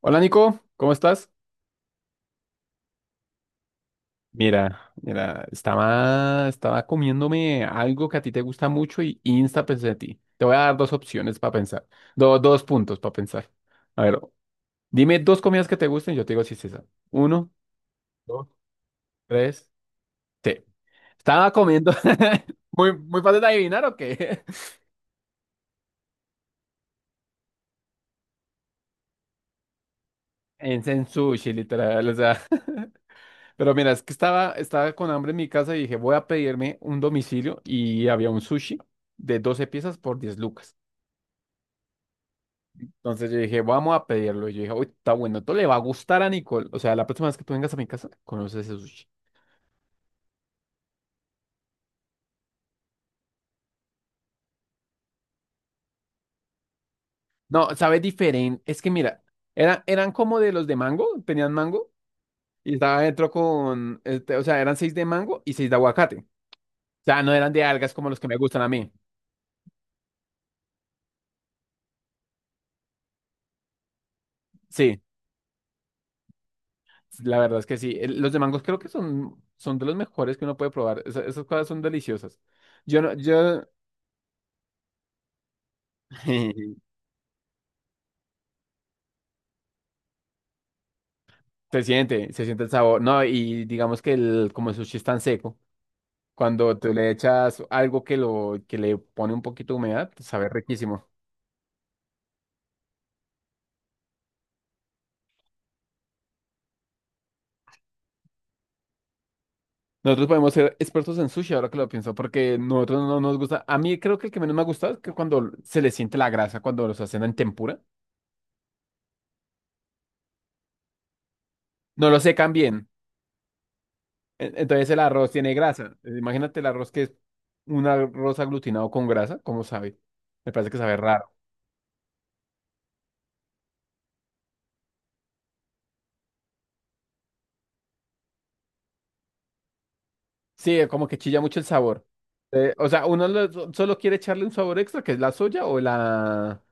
Hola Nico, ¿cómo estás? Mira, mira, estaba comiéndome algo que a ti te gusta mucho y insta pensé en ti. Te voy a dar dos opciones para pensar, dos puntos para pensar. A ver, dime dos comidas que te gusten y yo te digo si es esa. Uno, dos, tres, sí. Estaba comiendo, muy, muy fácil de adivinar o qué. En sushi, literal, o sea. Pero mira, es que estaba con hambre en mi casa y dije, voy a pedirme un domicilio y había un sushi de 12 piezas por 10 lucas. Entonces yo dije, vamos a pedirlo. Y yo dije, uy, está bueno, esto le va a gustar a Nicole. O sea, la próxima vez que tú vengas a mi casa, conoces ese sushi. No, sabe diferente. Es que mira, eran como de los de mango, tenían mango, y estaba dentro con, este, o sea, eran seis de mango y seis de aguacate. O sea, no eran de algas como los que me gustan a mí. Sí, la verdad es que sí. Los de mangos creo que son de los mejores que uno puede probar. Esas cosas son deliciosas. Yo no, yo, se siente el sabor. No, y digamos que el, como el sushi es tan seco. Cuando tú le echas algo que, lo, que le pone un poquito de humedad, pues sabe riquísimo. Nosotros podemos ser expertos en sushi, ahora que lo pienso, porque nosotros no nos gusta. A mí creo que el que menos me ha gustado es que cuando se le siente la grasa, cuando los hacen en tempura, no lo secan bien. Entonces el arroz tiene grasa. Imagínate el arroz que es un arroz aglutinado con grasa, ¿cómo sabe? Me parece que sabe raro. Sí, como que chilla mucho el sabor. O sea, solo quiere echarle un sabor extra, que es la soya o la...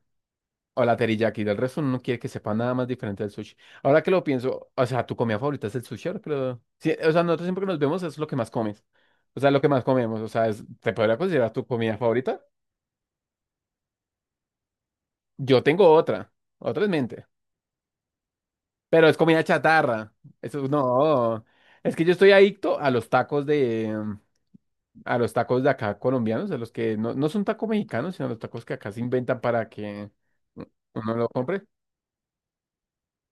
O la teriyaki del resto uno no quiere que sepa nada más diferente del sushi. Ahora que lo pienso, o sea, tu comida favorita es el sushi, ahora que lo- Sí, o sea, nosotros siempre que nos vemos es lo que más comes. O sea, lo que más comemos, o sea, es- ¿te podría considerar tu comida favorita? Yo tengo otra en mente, pero es comida chatarra. Eso no, es que yo estoy adicto a los tacos de, a los tacos de acá colombianos, a los que no, no son tacos mexicanos, sino los tacos que acá se inventan para que uno lo compre.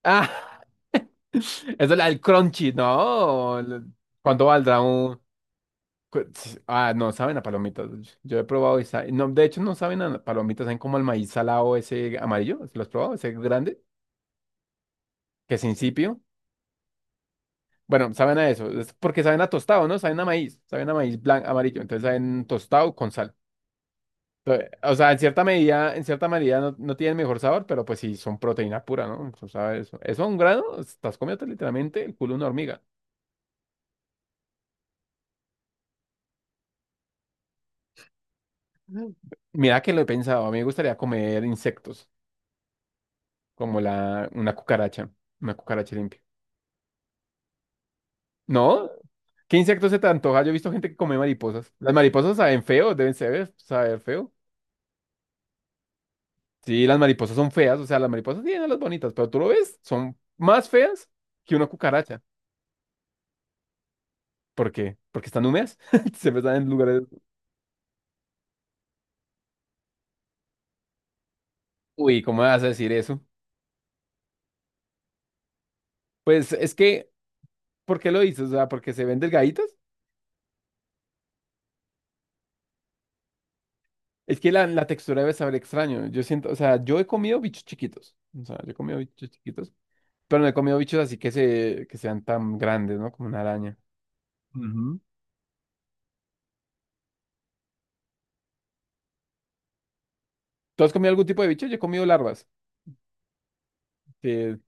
Ah, eso es la del crunchy, ¿no? ¿Cuánto valdrá un...? Ah, no, saben a palomitas. Yo he probado y no, de hecho, no saben a palomitas, saben como al maíz salado ese amarillo. ¿Lo has probado? Ese grande, que es incipio. Bueno, saben a eso. Es porque saben a tostado, ¿no? Saben a maíz. Saben a maíz blanco, amarillo. Entonces saben tostado con sal. Entonces, o sea, en cierta medida no, no tienen mejor sabor, pero pues sí son proteína pura, ¿no? Tú sabes, eso. Eso a un grano, estás comiendo literalmente el culo de una hormiga. Mira que lo he pensado, a mí me gustaría comer insectos, como la, una cucaracha limpia. ¿No? ¿Qué insectos se te antoja? Yo he visto gente que come mariposas. Las mariposas saben feo, deben saber feo. Sí, las mariposas son feas, o sea, las mariposas tienen las bonitas, pero tú lo ves, son más feas que una cucaracha. ¿Por qué? Porque están húmedas, siempre están en lugares... Uy, ¿cómo vas a decir eso? Pues es que, ¿por qué lo dices? O sea, ¿porque se ven delgaditas? Es que la textura debe saber extraño. Yo siento, o sea, yo he comido bichos chiquitos. O sea, yo he comido bichos chiquitos, pero no he comido bichos así que, se, que sean tan grandes, ¿no? Como una araña. Ujú. ¿Tú has comido algún tipo de bicho? Yo he comido larvas, que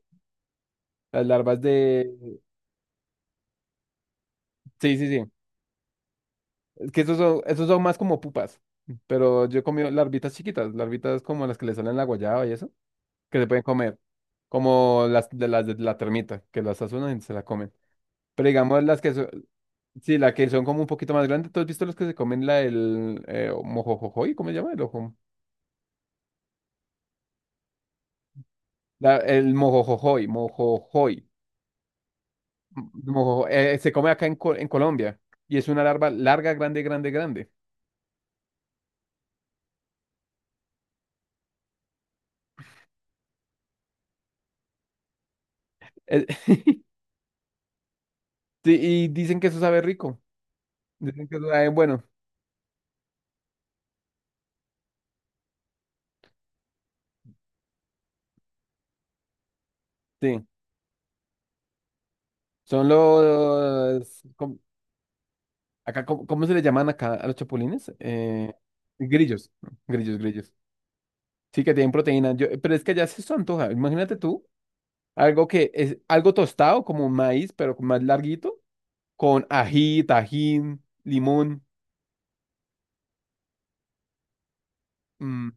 las larvas de... Sí, sí, sí. Es que esos son más como pupas. Pero yo he comido larvitas chiquitas, larvitas como las que le salen la guayaba y eso, que se pueden comer. Como las de la termita, que las azulan y se la comen. Pero digamos las que, sí, la que son como un poquito más grandes. ¿Tú has visto los que se comen la del mojojojoy? ¿Cómo se llama? El mojojojoy, mojojoy. Se come acá en Colombia y es una larva larga, grande, grande, grande. Eh, sí, y dicen que eso sabe rico. Dicen que eso sabe bueno. Sí, son los... acá, ¿cómo se le llaman acá a los chapulines? Grillos, grillos, grillos. Sí, que tienen proteína. Yo, pero es que allá sí se eso antoja. Imagínate tú. Algo que es algo tostado, como maíz, pero más larguito, con ají, tajín, limón. Mm,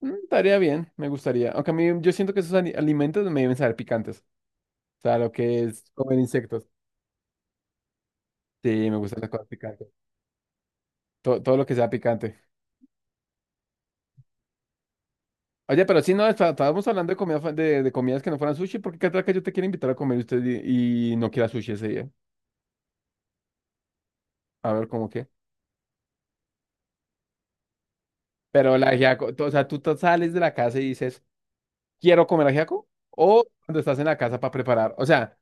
estaría bien, me gustaría. Aunque a mí yo siento que esos alimentos me deben saber picantes. O sea, lo que es comer insectos. Sí, me gustan las cosas picantes. Todo lo que sea picante. Oye, pero si no, estábamos hablando de, comida, de comidas que no fueran sushi, porque qué tal que yo te quiero invitar a comer y usted y no quiera sushi ese día. A ver, ¿cómo qué? Pero la ajiaco, o sea, tú te sales de la casa y dices, quiero comer ajiaco o cuando estás en la casa para preparar. O sea,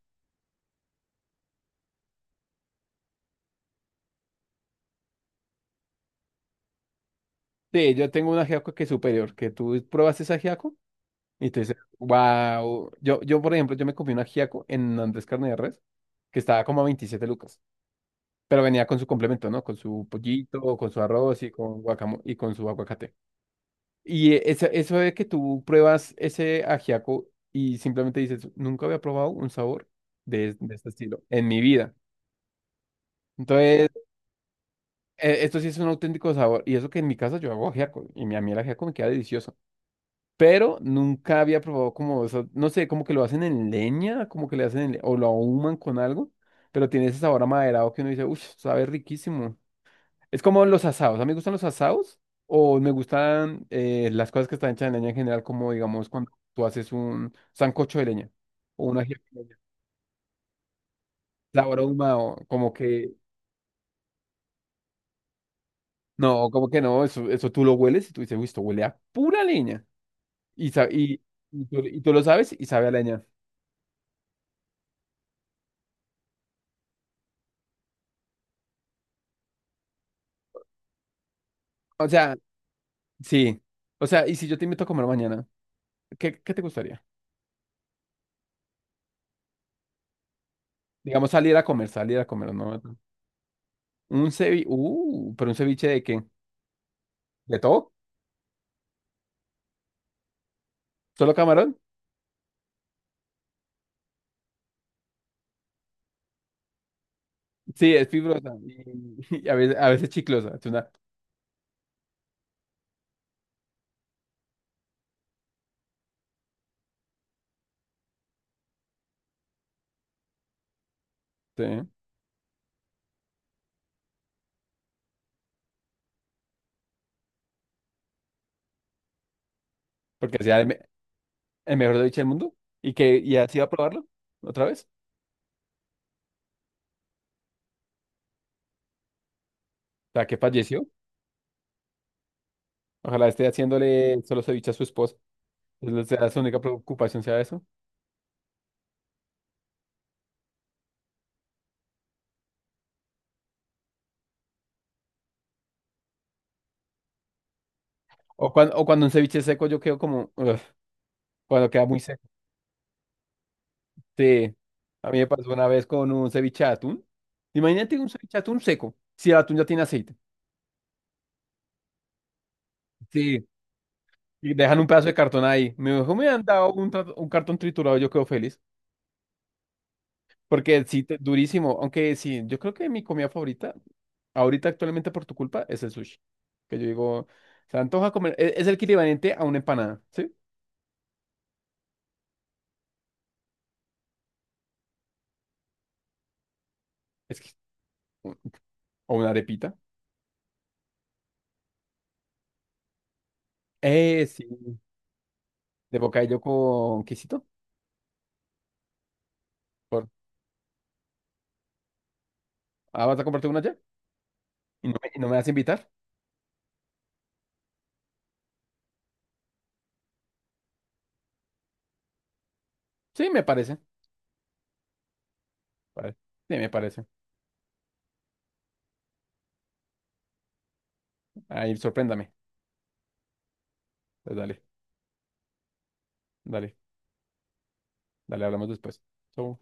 sí, yo tengo un ajiaco que es superior, que tú pruebas ese ajiaco y te dices, wow. Yo, por ejemplo, yo me comí un ajiaco en Andrés Carne de Res que estaba como a 27 lucas, pero venía con su complemento, ¿no? Con su pollito, con su arroz y con guacamo y con su aguacate. Y eso, eso de que tú pruebas ese ajiaco y simplemente dices, nunca había probado un sabor de este estilo en mi vida. Entonces, esto sí es un auténtico sabor. Y eso que en mi casa yo hago ajiaco. Y a mí el ajiaco me queda delicioso. Pero nunca había probado como eso. No sé, como que lo hacen en leña, como que le hacen en o lo ahuman con algo. Pero tiene ese sabor amaderado que uno dice, uff, sabe riquísimo. Es como los asados. A mí me gustan los asados. O me gustan las cosas que están hechas en leña en general, como digamos cuando tú haces un sancocho de leña. O un ajiaco de leña. Sabor ahumado. Como que. No, como que no. Eso tú lo hueles y tú dices, uy, esto huele a pura leña. Y, sa- y, y tú lo sabes y sabe a leña. O sea, sí. O sea, y si yo te invito a comer mañana, ¿qué te gustaría? Digamos, salir a comer, ¿no? Un ceviche, pero un ceviche de qué? ¿De todo? ¿Solo camarón? Sí, es fibrosa y, y a veces chiclosa. Es una, sí, porque sea el, el mejor ceviche del mundo y que y así va a probarlo otra vez. O sea, que falleció. Ojalá esté haciéndole solo ceviche a su esposa. Es la su única preocupación sea eso. O cuando un ceviche seco yo quedo como... "Ugh", cuando queda muy seco. Sí, a mí me pasó una vez con un ceviche de atún. Imagínate un ceviche de atún seco, si el atún ya tiene aceite. Sí, y dejan un pedazo de cartón ahí. Me dijo, me han dado un, un cartón triturado, yo quedo feliz. Porque sí, durísimo. Aunque sí, yo creo que mi comida favorita, ahorita actualmente por tu culpa, es el sushi. Que yo digo, se antoja comer, es, el equivalente a una empanada, ¿sí? Es que- o una arepita. Sí, de bocadillo con quesito. Por, ah, ¿vas a comprarte una ya? ¿Y no me vas a invitar? Sí, me parece. pare- Sí, me parece. Ahí, sorpréndame. Pues dale, dale, dale, hablamos después. Chau.